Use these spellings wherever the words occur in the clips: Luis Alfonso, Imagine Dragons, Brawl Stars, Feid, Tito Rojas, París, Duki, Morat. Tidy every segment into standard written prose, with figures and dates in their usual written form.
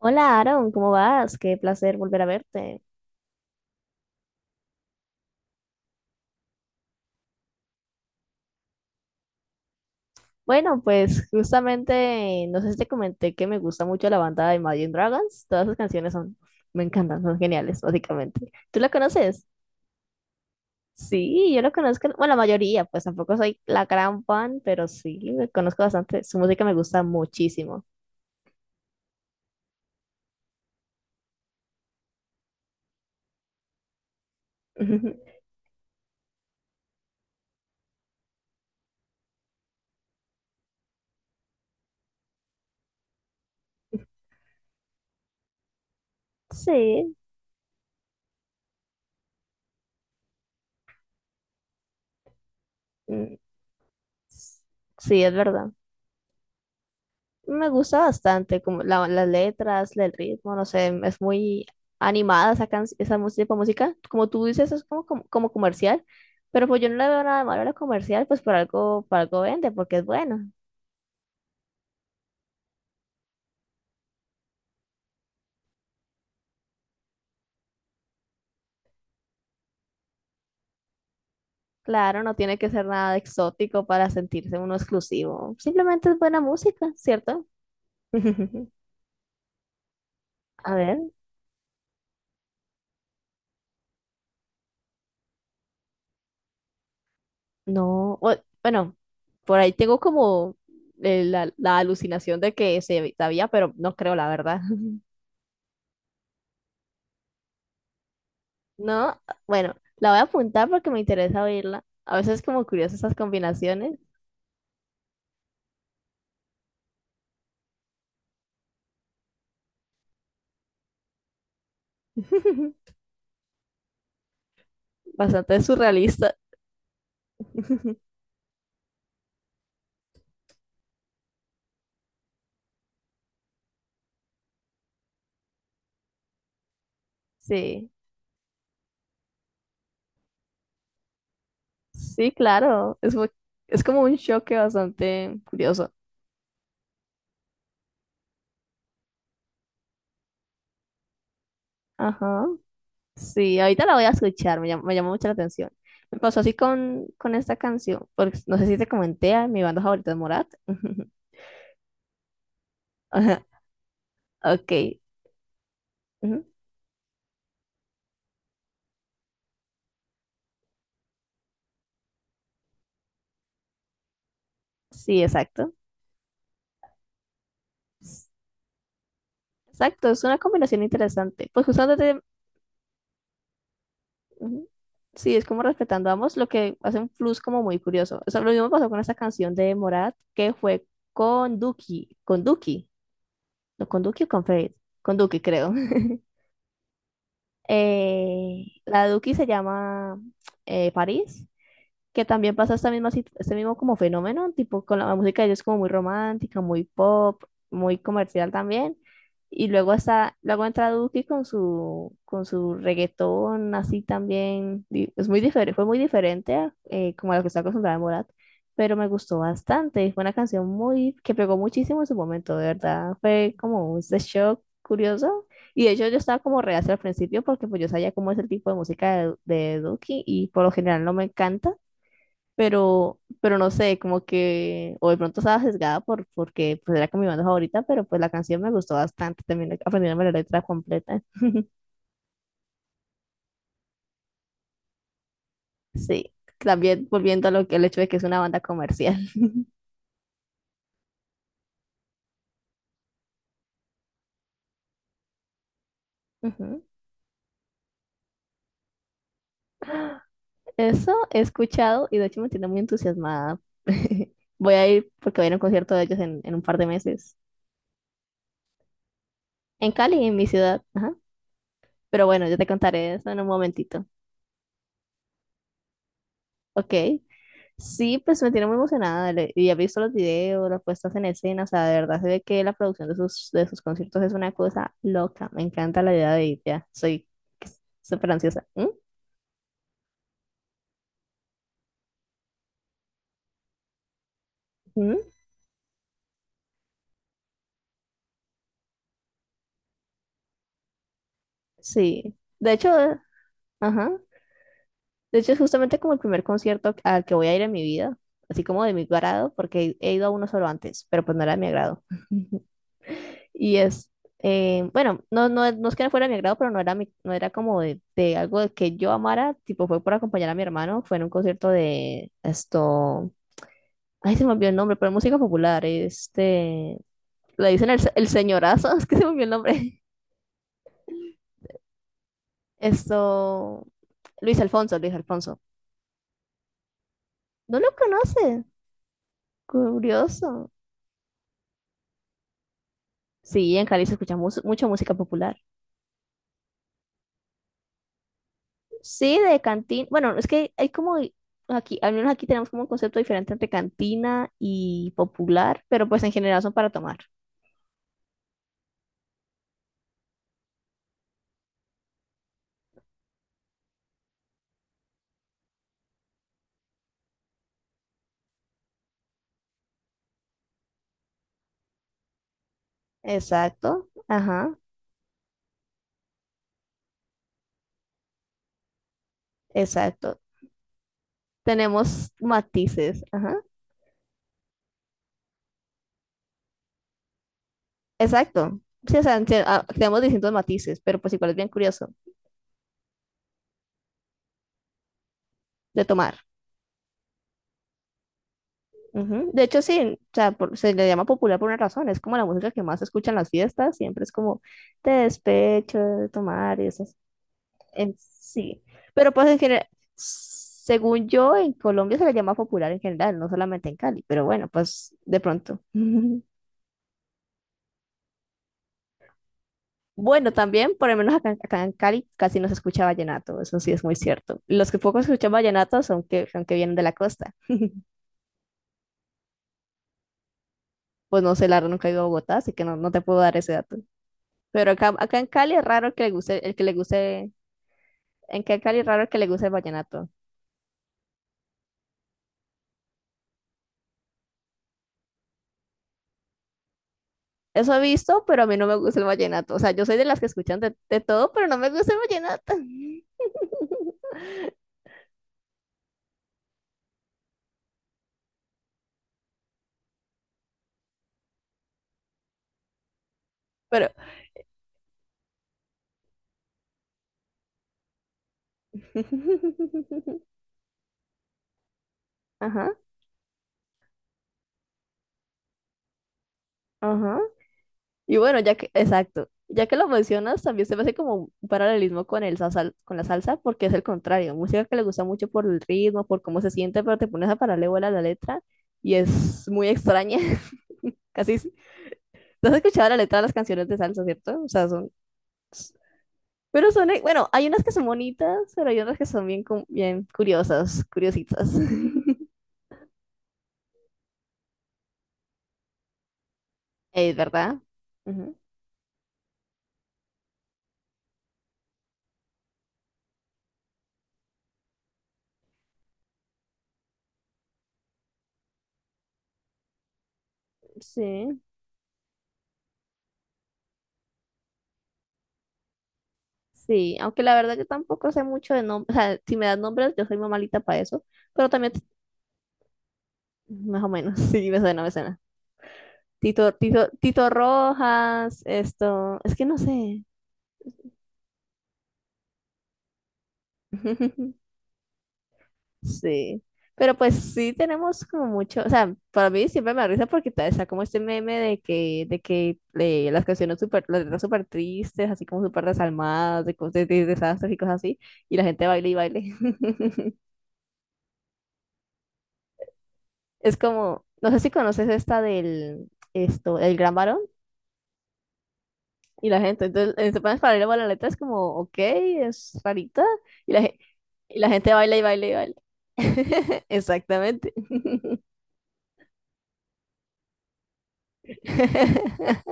Hola Aaron, ¿cómo vas? Qué placer volver a verte. Bueno, pues justamente, no sé si te comenté que me gusta mucho la banda de Imagine Dragons. Todas sus canciones son, me encantan, son geniales, básicamente. ¿Tú la conoces? Sí, yo la conozco, bueno, la mayoría, pues tampoco soy la gran fan, pero sí, me conozco bastante. Su música me gusta muchísimo. Sí, mm, sí, es verdad. Me gusta bastante, como las letras, el ritmo, no sé, es muy animada esa, esa tipo de música. Como tú dices, es como comercial, pero pues yo no le veo nada de malo a lo comercial, pues por algo vende, porque es bueno. Claro, no tiene que ser nada exótico para sentirse uno exclusivo. Simplemente es buena música, ¿cierto? A ver, no, bueno, por ahí tengo como la alucinación de que se sabía, pero no creo la verdad. No, bueno, la voy a apuntar porque me interesa oírla. A veces es como curioso esas combinaciones. Bastante surrealista. Sí, sí, claro. Es, es como un choque bastante curioso. Ajá. Sí, ahorita la voy a escuchar, me llamó mucho la atención. Me pasó así con esta canción, porque no sé si te comenté, ah, mi banda favorita es Morat. Ajá, ok, ujú, sí, exacto. S- Exacto, es una combinación interesante. Pues justamente ujú. Sí, es como respetando a ambos, lo que hace un plus como muy curioso. Eso lo mismo pasó con esta canción de Morat, que fue con Duki, no con Duki o con Feid, con Duki creo. La Duki se llama París, que también pasa esta misma, este mismo como fenómeno, tipo con la música de ellos como muy romántica, muy pop, muy comercial también. Y luego está, luego entra Duki con su reggaetón, así también, es muy diferente, fue muy diferente a, como a lo que está acostumbrada Morat, pero me gustó bastante, fue una canción muy, que pegó muchísimo en su momento, de verdad, fue como un shock curioso, y de hecho yo estaba como reacia al principio, porque pues yo sabía cómo es el tipo de música de Duki, y por lo general no me encanta, pero no sé, como que, o de pronto estaba sesgada por, porque pues era con mi banda favorita, pero pues la canción me gustó bastante, también aprendiéndome la letra completa. Sí, también volviendo a lo que el hecho de que es una banda comercial. Ujú. Eso he escuchado y de hecho me tiene muy entusiasmada. Voy a ir porque voy a ir a un concierto de ellos en un par de meses, en Cali, en mi ciudad. Ajá. Pero bueno, yo te contaré eso en un momentito. Ok. Sí, pues me tiene muy emocionada. Y he visto los videos, las puestas en escena. O sea, de verdad se ve que la producción de sus conciertos es una cosa loca. Me encanta la idea de ir ya. Soy súper ansiosa. ¿Mm? ¿Mm? Sí. De hecho, ajá. De hecho, es justamente como el primer concierto al que voy a ir en mi vida. Así como de mi agrado, porque he ido a uno solo antes, pero pues no era de mi agrado. Y es, bueno, no, no, no es que no fuera de mi agrado, pero no era, no era como de algo de que yo amara, tipo fue por acompañar a mi hermano, fue en un concierto de esto, ay, se me olvidó el nombre, pero música popular, este, le dicen el, el señorazo, es que se me olvidó el nombre, esto, Luis Alfonso, no lo conoce, curioso. Sí, en Cali se escucha mucha música popular. Sí, de cantina. Bueno, es que hay como aquí, al menos aquí tenemos como un concepto diferente entre cantina y popular, pero pues en general son para tomar. Exacto, ajá, exacto. Tenemos matices, ajá, exacto. Sí, o sea, ah, tenemos distintos matices, pero pues igual es bien curioso de tomar. Ujú. De hecho, sí, o sea, se le llama popular por una razón, es como la música que más se escucha en las fiestas, siempre es como te despecho de tomar y esas en sí. Pero pues en general, según yo, en Colombia se le llama popular en general, no solamente en Cali, pero bueno, pues de pronto. Bueno, también, por lo menos acá, acá en Cali casi no se escucha vallenato, eso sí es muy cierto. Los que poco escuchan vallenato son que vienen de la costa. Pues no sé, la verdad nunca he ido a Bogotá, así que no, no te puedo dar ese dato. Pero acá, acá en Cali es raro que le guste, el que le guste, en que en Cali es raro el que le guste el vallenato. Eso he visto, pero a mí no me gusta el vallenato. O sea, yo soy de las que escuchan de todo, pero no me gusta el vallenato. Pero. Ajá, ajá. Y bueno, ya que, exacto. Ya que lo mencionas, también se me hace como un paralelismo con el con la salsa, porque es el contrario. Música que le gusta mucho por el ritmo, por cómo se siente, pero te pones a pararle paralelo a la letra y es muy extraña. Casi. ¿No has escuchado la letra de las canciones de salsa, cierto? O sea, son pero son, bueno, hay unas que son bonitas, pero hay otras que son bien, bien curiosas, curiositas. Es verdad. Ujú. Sí, sí. Aunque la verdad yo tampoco sé mucho de nombres. O sea, si me das nombres, yo soy muy malita para eso. Pero también, más o menos, sí, me suena, me suena. Tito Rojas, esto. Es que no sé. Sí, pero pues sí tenemos como mucho, o sea, para mí siempre me da risa porque está como este meme de que las canciones súper, las letras súper tristes, así como súper desalmadas, de, de desastres y cosas así, y la gente baila y baile. Es como, no sé si conoces esta del, esto, el gran varón y la gente, entonces en pones para bailar la letra es como, ok, es rarita, y y la gente baila y baila y baila. Exactamente.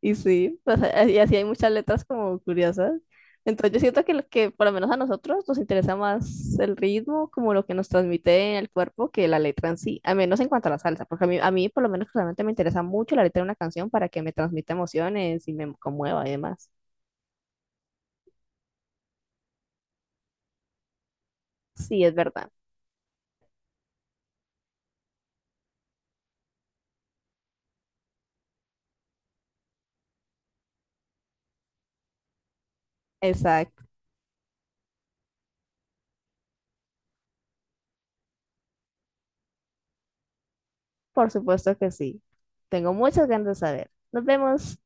Y sí, pues, y así hay muchas letras como curiosas. Entonces yo siento que lo que por lo menos a nosotros nos interesa más el ritmo, como lo que nos transmite en el cuerpo, que la letra en sí, a menos en cuanto a la salsa, porque a mí por lo menos realmente me interesa mucho la letra de una canción para que me transmita emociones y me conmueva y demás. Sí, es verdad. Exacto. Por supuesto que sí. Tengo muchas ganas de saber. Nos vemos.